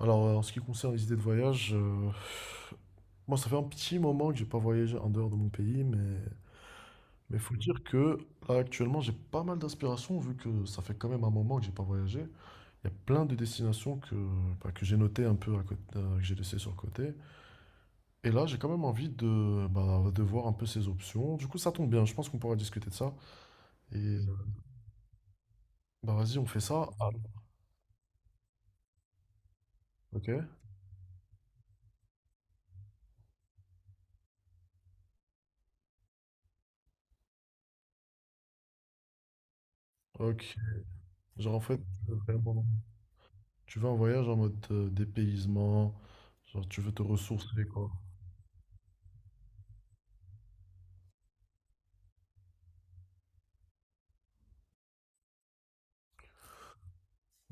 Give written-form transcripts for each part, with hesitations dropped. Alors, en ce qui concerne les idées de voyage, moi, ça fait un petit moment que j'ai pas voyagé en dehors de mon pays, mais faut dire que là, actuellement, j'ai pas mal d'inspiration vu que ça fait quand même un moment que j'ai pas voyagé. Il y a plein de destinations que, bah, que j'ai notées un peu à côté, que j'ai laissées sur le côté. Et là, j'ai quand même envie de, bah, de voir un peu ces options. Du coup, ça tombe bien. Je pense qu'on pourra discuter de ça. Et euh, bah, vas-y, on fait ça. Ah, ok. Ok. Genre, en fait, vraiment. Tu vas en voyage en mode dépaysement, genre tu veux te ressourcer, quoi.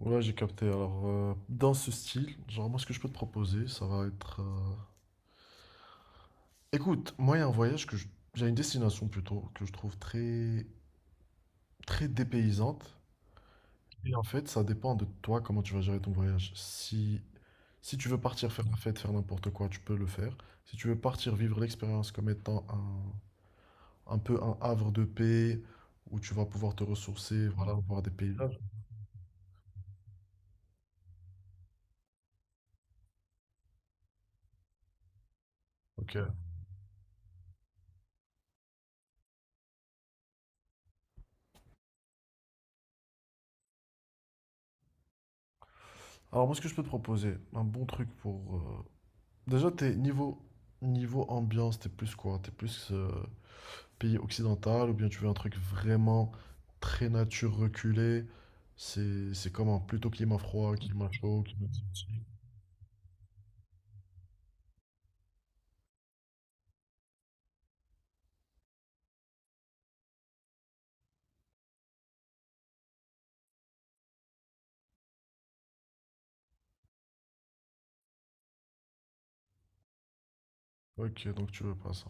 Ouais, j'ai capté. Alors, dans ce style, genre moi, ce que je peux te proposer, ça va être... Écoute, moi, il y a un voyage que je... J'ai une destination plutôt que je trouve très, très dépaysante. Et en fait, ça dépend de toi comment tu vas gérer ton voyage. Si tu veux partir faire la fête, faire n'importe quoi, tu peux le faire. Si tu veux partir vivre l'expérience comme étant un peu un havre de paix où tu vas pouvoir te ressourcer, voilà, voir des paysages. Ok. Alors moi, ce que je peux te proposer, un bon truc pour... Déjà, t'es niveau, ambiance, t'es plus quoi? T'es plus pays occidental ou bien tu veux un truc vraiment très nature reculée? C'est comment? Plutôt climat froid, climat chaud, climat climatique. Ok, donc tu veux pas ça.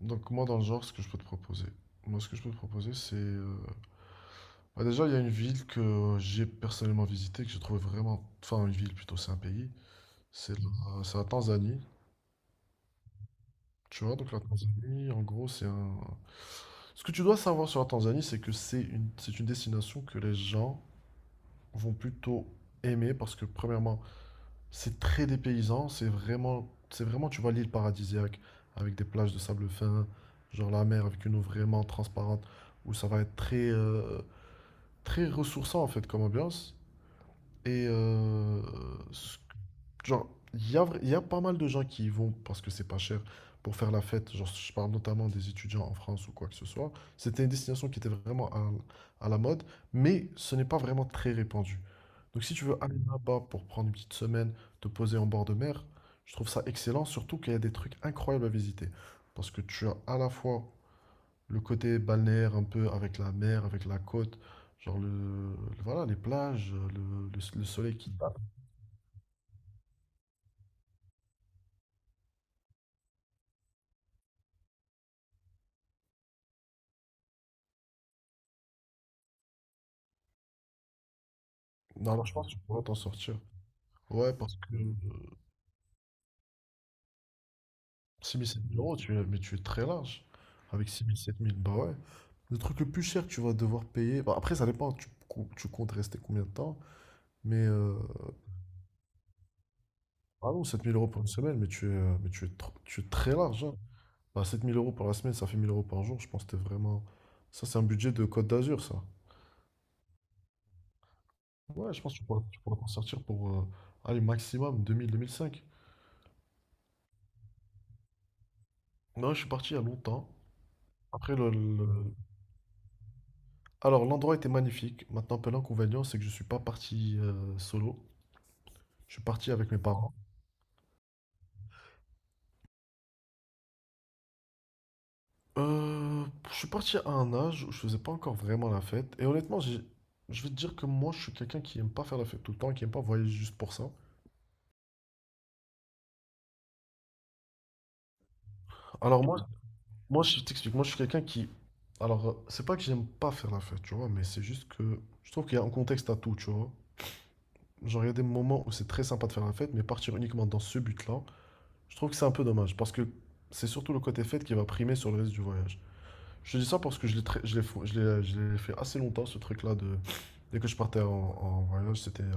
Donc moi, dans le genre, ce que je peux te proposer. Moi, ce que je peux te proposer, c'est... bah, déjà, il y a une ville que j'ai personnellement visitée, que j'ai trouvé vraiment... Enfin, une ville plutôt, c'est un pays. C'est la Tanzanie. Tu vois, donc la Tanzanie, en gros, c'est un... Ce que tu dois savoir sur la Tanzanie, c'est que c'est une destination que les gens vont plutôt aimer parce que, premièrement, c'est très dépaysant, c'est vraiment, tu vois, l'île paradisiaque avec des plages de sable fin, genre la mer avec une eau vraiment transparente où ça va être très, très ressourçant en fait comme ambiance. Et ce Genre, il y a, il y a pas mal de gens qui y vont parce que c'est pas cher pour faire la fête. Genre, je parle notamment des étudiants en France ou quoi que ce soit. C'était une destination qui était vraiment à la mode, mais ce n'est pas vraiment très répandu. Donc, si tu veux aller là-bas pour prendre une petite semaine, te poser en bord de mer, je trouve ça excellent, surtout qu'il y a des trucs incroyables à visiter. Parce que tu as à la fois le côté balnéaire un peu avec la mer, avec la côte, genre le, voilà, les plages, le, le soleil qui tape. Non, alors je pense que tu pourras t'en sortir. Ouais, parce que 6 000 7 000 euros, tu es, mais tu es très large. Avec 6 000 7 000 bah ouais. Le truc le plus cher que tu vas devoir payer. Bah, après, ça dépend, tu comptes rester combien de temps. Mais ah non, 7 000 euros pour une semaine, mais tu es, tu es très large, hein. Bah, 7 000 euros pour la semaine, ça fait 1000 euros par jour. Je pense que t'es vraiment. Ça, c'est un budget de Côte d'Azur, ça. Ouais, je pense que tu pourras t'en sortir pour, allez, maximum 2000 2500. Non, je suis parti il y a longtemps. Après, Alors, l'endroit était magnifique. Maintenant, peu l'inconvénient, c'est que je suis pas parti solo. Je suis parti avec mes parents. Je suis parti à un âge où je faisais pas encore vraiment la fête. Et honnêtement, je vais te dire que moi, je suis quelqu'un qui aime pas faire la fête tout le temps, qui aime pas voyager juste pour ça. Alors moi, moi, je t'explique. Moi, je suis quelqu'un qui... Alors, c'est pas que j'aime pas faire la fête, tu vois, mais c'est juste que je trouve qu'il y a un contexte à tout, tu vois. Genre, il y a des moments où c'est très sympa de faire la fête, mais partir uniquement dans ce but-là, je trouve que c'est un peu dommage, parce que c'est surtout le côté fête qui va primer sur le reste du voyage. Je te dis ça parce que je l'ai très- je l'ai fou- je l'ai fait assez longtemps, ce truc-là de... Dès que je partais en voyage, c'était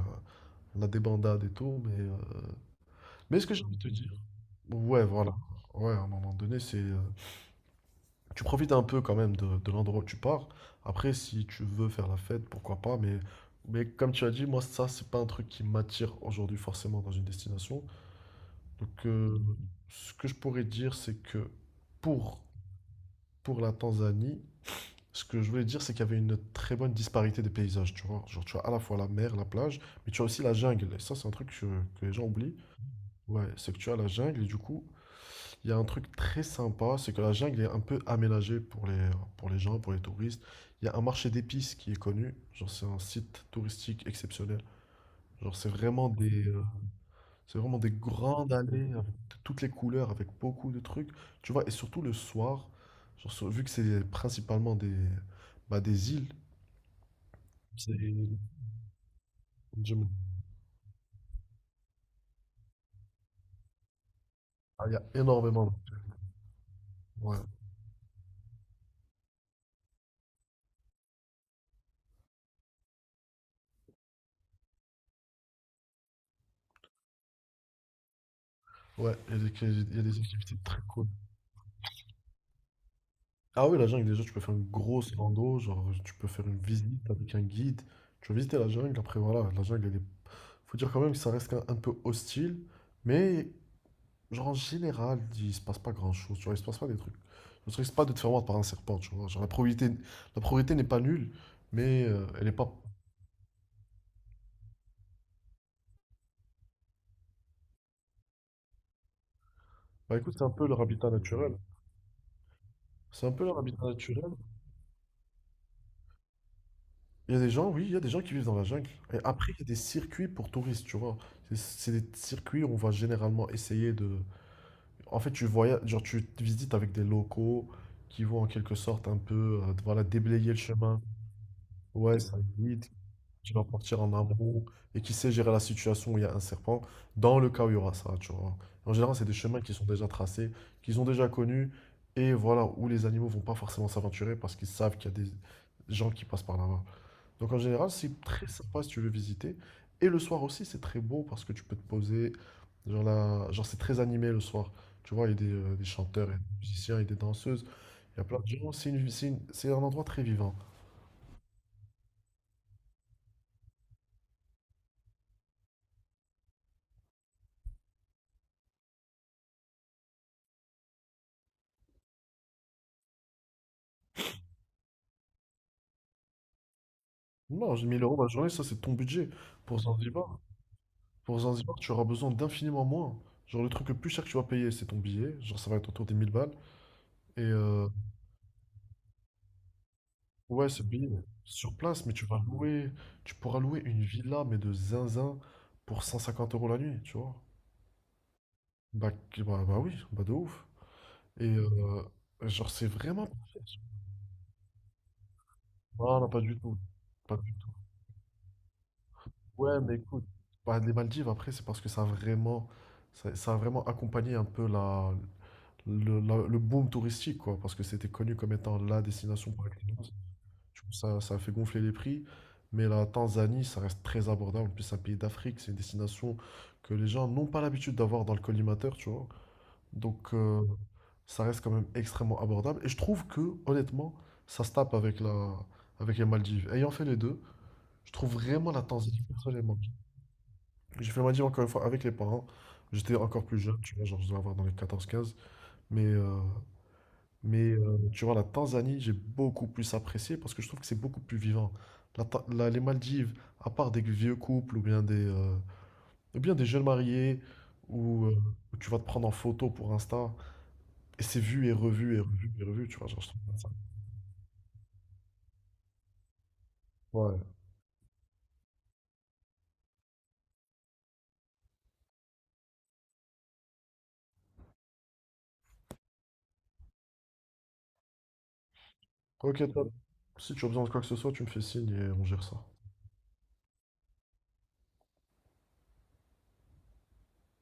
la débandade et tout, mais... Mais ce que j'ai envie de te dire... Ouais, voilà. Ouais, à un moment donné, c'est... Tu profites un peu quand même de l'endroit où tu pars. Après, si tu veux faire la fête, pourquoi pas, mais... Mais comme tu as dit, moi, ça, c'est pas un truc qui m'attire aujourd'hui forcément dans une destination. Donc, ce que je pourrais dire, c'est que pour, pour la Tanzanie, ce que je voulais dire, c'est qu'il y avait une très bonne disparité des paysages, tu vois. Genre, tu as à la fois la mer, la plage, mais tu as aussi la jungle. Et ça, c'est un truc que les gens oublient. Ouais, c'est que tu as la jungle et du coup, il y a un truc très sympa, c'est que la jungle est un peu aménagée pour les gens, pour les touristes. Il y a un marché d'épices qui est connu. Genre, c'est un site touristique exceptionnel. Genre, c'est vraiment des grandes allées avec de toutes les couleurs, avec beaucoup de trucs. Tu vois, et surtout le soir, genre, vu que c'est principalement des îles. C'est- j'aime- Ah, il y a énormément de... Ouais, ouais, il y a des activités très cool. Ah oui, la jungle, déjà, tu peux faire une grosse rando, genre, tu peux faire une visite avec un guide. Tu vas visiter la jungle, après, voilà, la jungle, elle est... Faut dire quand même que ça reste un peu hostile, mais, genre, en général, il se passe pas grand-chose, tu vois, il se passe pas des trucs. Je ne risque pas de te faire mordre par un serpent, tu vois, genre, la probabilité n'est pas nulle, mais elle n'est pas... Bah écoute, c'est un peu leur habitat naturel. C'est un peu leur habitat naturel. Il y a des gens, oui, il y a des gens qui vivent dans la jungle. Et après, il y a des circuits pour touristes, tu vois. C'est des circuits où on va généralement essayer de... En fait, tu voyages, genre, tu te visites avec des locaux qui vont en quelque sorte un peu, voilà, déblayer le chemin. Ouais, c'est un guide qui va partir en amont et qui sait gérer la situation où il y a un serpent, dans le cas où il y aura ça, tu vois. En général, c'est des chemins qui sont déjà tracés, qu'ils ont déjà connus, et voilà, où les animaux vont pas forcément s'aventurer parce qu'ils savent qu'il y a des gens qui passent par là-bas. Donc en général, c'est très sympa si tu veux visiter. Et le soir aussi, c'est très beau parce que tu peux te poser. Genre, là, genre c'est très animé le soir. Tu vois, il y a des chanteurs, il y a des musiciens, il y a des danseuses. Il y a plein de gens. C'est un endroit très vivant. Non, j'ai 1000 euros la journée, ça c'est ton budget. Pour Zanzibar, pour Zanzibar, tu auras besoin d'infiniment moins. Genre le truc le plus cher que tu vas payer, c'est ton billet. Genre ça va être autour des 1000 balles. Et euh, ouais, ce billet, sur place, mais tu vas louer, tu pourras louer une villa, mais de zinzin, pour 150 euros la nuit, tu vois. Bah, bah, bah oui, bah de ouf. Et euh, genre, c'est vraiment parfait. Non, non, pas du tout. Pas du tout. Ouais, mais écoute, bah, les Maldives, après, c'est parce que ça a vraiment, ça a vraiment accompagné un peu la, le boom touristique, quoi. Parce que c'était connu comme étant la destination par excellence. Du coup, ça a fait gonfler les prix. Mais la Tanzanie, ça reste très abordable. En plus, c'est un pays d'Afrique. C'est une destination que les gens n'ont pas l'habitude d'avoir dans le collimateur, tu vois. Donc, ça reste quand même extrêmement abordable. Et je trouve que, honnêtement, ça se tape avec les Maldives. Ayant fait les deux, je trouve vraiment la Tanzanie, personnellement. J'ai fait les Maldives encore une fois avec les parents. J'étais encore plus jeune, tu vois, genre je devais avoir dans les 14 15. Mais, euh, mais, tu vois, la Tanzanie, j'ai beaucoup plus apprécié parce que je trouve que c'est beaucoup plus vivant. Les Maldives, à part des vieux couples ou bien ou bien des jeunes mariés où, euh, où tu vas te prendre en photo pour Insta, et c'est vu et revu et revu et revu, tu vois, genre, je trouve ça. Ouais. Ok, top. Si tu as besoin de quoi que ce soit, tu me fais signe et on gère ça.